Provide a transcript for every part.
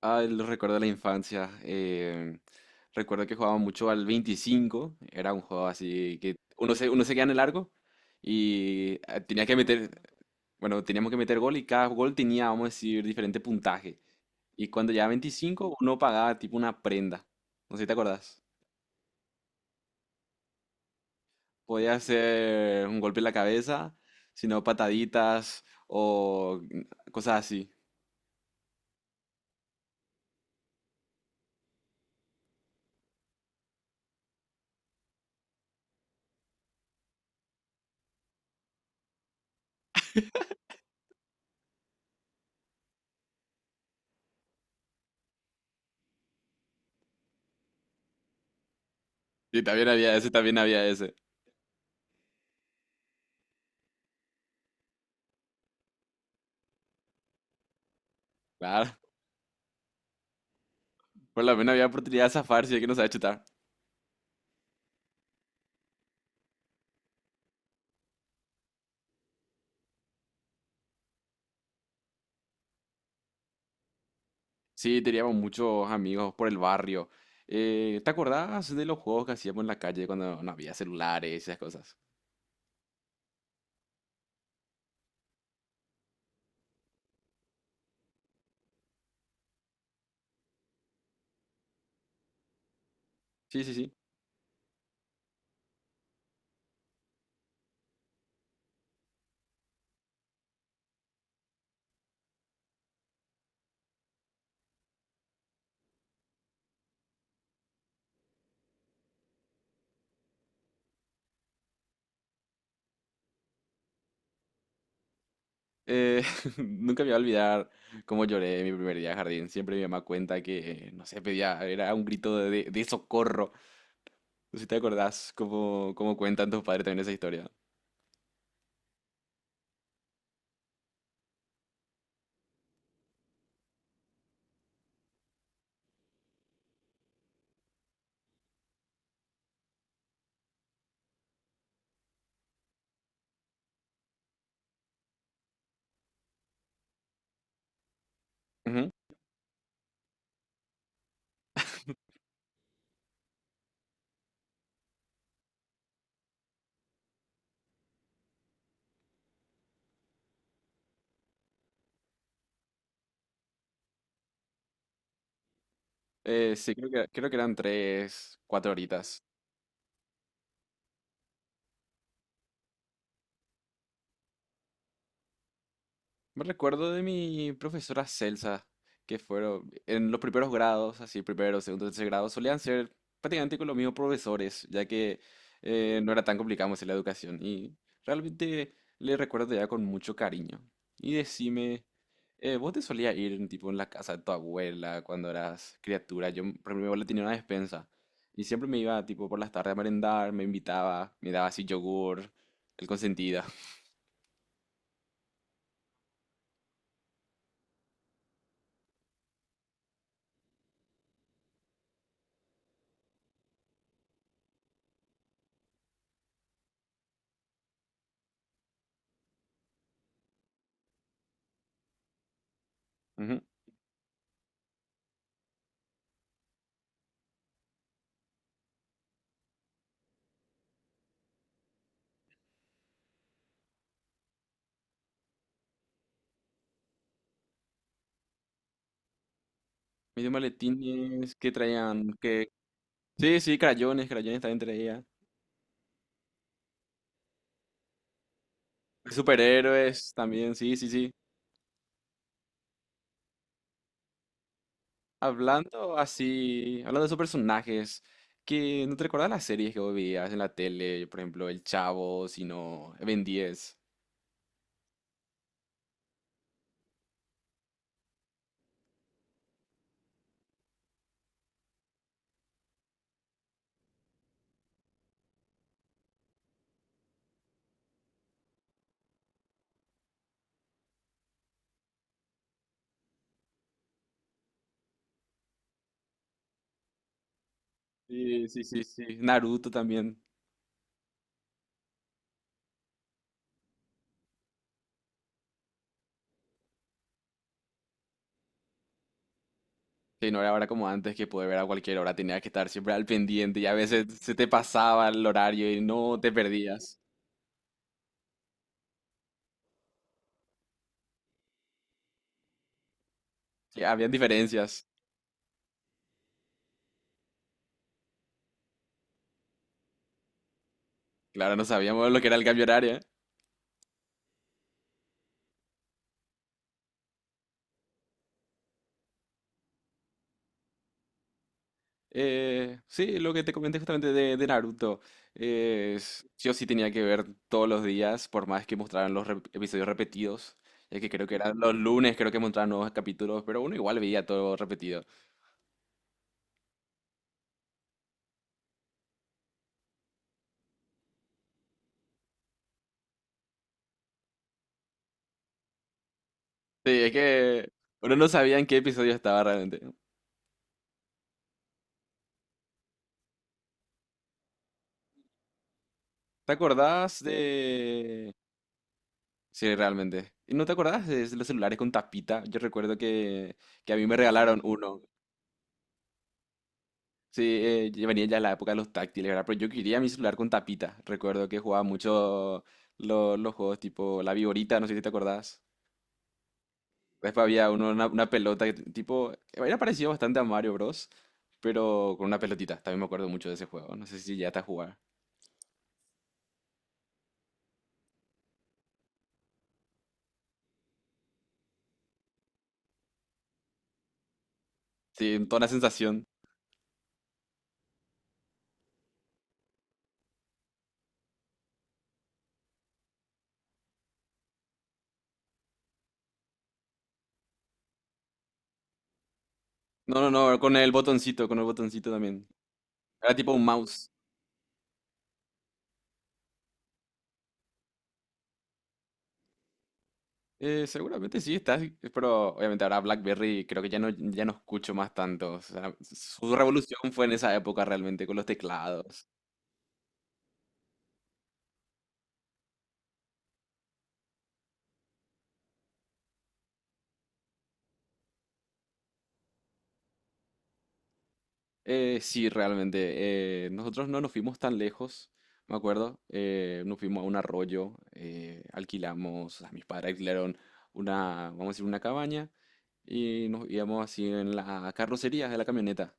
Ah, el recuerdo de la infancia. Recuerdo que jugaba mucho al 25. Era un juego así que uno se queda en el largo y tenía que meter, bueno, teníamos que meter gol y cada gol tenía, vamos a decir, diferente puntaje. Y cuando llegaba a 25, uno pagaba tipo una prenda. No sé si te acordás. Podía ser un golpe en la cabeza, sino pataditas o cosas así. Y también había ese, también había ese. Claro. Por lo menos había oportunidad de zafarse si es que no sabía chutar. Sí, teníamos muchos amigos por el barrio. ¿Te acordás de los juegos que hacíamos en la calle cuando no había celulares y esas cosas? Sí, sí, sí. Eh, nunca me voy a olvidar cómo lloré mi primer día de jardín. Siempre mi mamá cuenta que, no sé, pedía, era un grito de, de socorro. No sé si te acordás cómo, cómo cuentan tus padres también esa historia. Ujú. Sí, creo que eran tres, cuatro horitas. Me recuerdo de mi profesora Celsa, que fueron en los primeros grados, así, primero, segundo, tercer grado, solían ser prácticamente con los mismos profesores, ya que no era tan complicado hacer la educación. Y realmente le recuerdo ya con mucho cariño. Y decime, ¿vos te solías ir tipo en la casa de tu abuela cuando eras criatura? Yo, por ejemplo, mi abuela tenía una despensa y siempre me iba tipo por las tardes a merendar, me invitaba, me daba así yogur, el consentida. Medio maletines que traían, que... Sí, sí, crayones, crayones también traía. Superhéroes también, sí, sí, sí. Hablando así, hablando de esos personajes, que no te recuerdas las series que vos veías en la tele, por ejemplo, El Chavo, sino Ben 10. Sí, sí, sí, sí. Naruto también. Sí, no era ahora como antes que poder ver a cualquier hora, tenías que estar siempre al pendiente y a veces se te pasaba el horario y no te perdías. Sí, habían diferencias. Claro, no sabíamos lo que era el cambio horario. ¿Eh? Sí, lo que te comenté justamente de Naruto. Yo sí tenía que ver todos los días, por más que mostraran los episodios repetidos. Ya que creo que eran los lunes, creo que mostraban nuevos capítulos, pero uno igual veía todo repetido. Sí, es que uno no sabía en qué episodio estaba realmente. ¿Te acordás de...? Sí, realmente. ¿Y no te acordás de los celulares con tapita? Yo recuerdo que a mí me regalaron uno. Sí, ya venía ya la época de los táctiles, ¿verdad? Pero yo quería mi celular con tapita. Recuerdo que jugaba mucho los juegos tipo La Viborita, no sé si te acordás. Después había uno, una pelota que tipo, era parecido bastante a Mario Bros, pero con una pelotita. También me acuerdo mucho de ese juego. No sé si ya a jugar. Sí, toda una sensación. No, no, no, con el botoncito también. Era tipo un mouse. Seguramente sí estás, pero obviamente ahora BlackBerry creo que ya no, ya no escucho más tanto. O sea, su revolución fue en esa época realmente con los teclados. Sí, realmente. Nosotros no nos fuimos tan lejos, me acuerdo. Nos fuimos a un arroyo, alquilamos, o sea, mis padres alquilaron una, vamos a decir, una cabaña y nos íbamos así en la carrocería de la camioneta.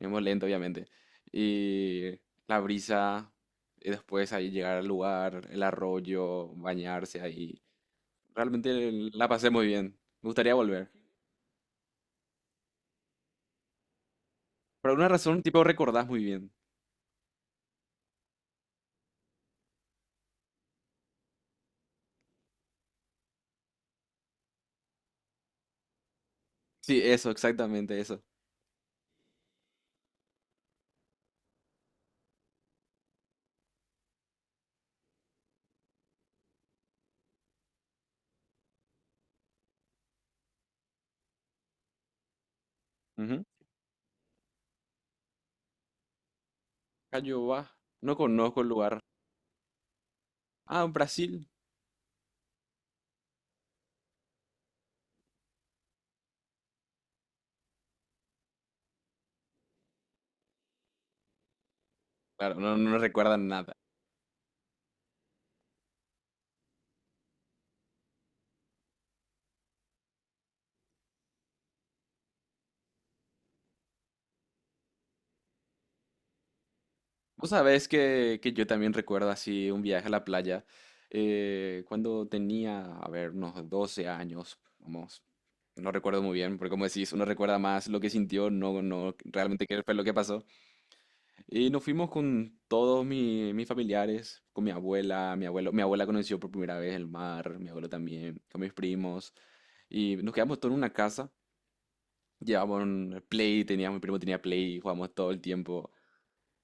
Íbamos lento, obviamente. Y la brisa, y después ahí llegar al lugar, el arroyo, bañarse ahí. Realmente la pasé muy bien. Me gustaría volver. Por alguna razón, tipo, recordás muy bien. Sí, eso, exactamente eso. Cayobá. No conozco el lugar. Ah, Brasil. Claro, no, no recuerdan nada. Vos sabés que yo también recuerdo así un viaje a la playa cuando tenía, a ver, unos 12 años. Vamos, no recuerdo muy bien, porque como decís, uno recuerda más lo que sintió, no, no realmente qué fue lo que pasó. Y nos fuimos con todos mis familiares, con mi abuela, mi abuelo. Mi abuela conoció por primera vez el mar, mi abuelo también, con mis primos. Y nos quedamos todos en una casa. Llevábamos un Play, tenía, mi primo tenía Play, jugábamos todo el tiempo.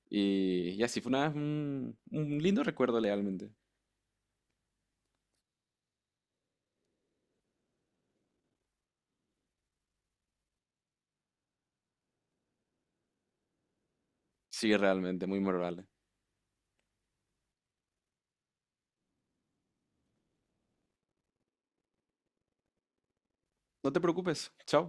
Y así fue una, un lindo recuerdo realmente. Sí, realmente, muy memorable. No te preocupes, chao.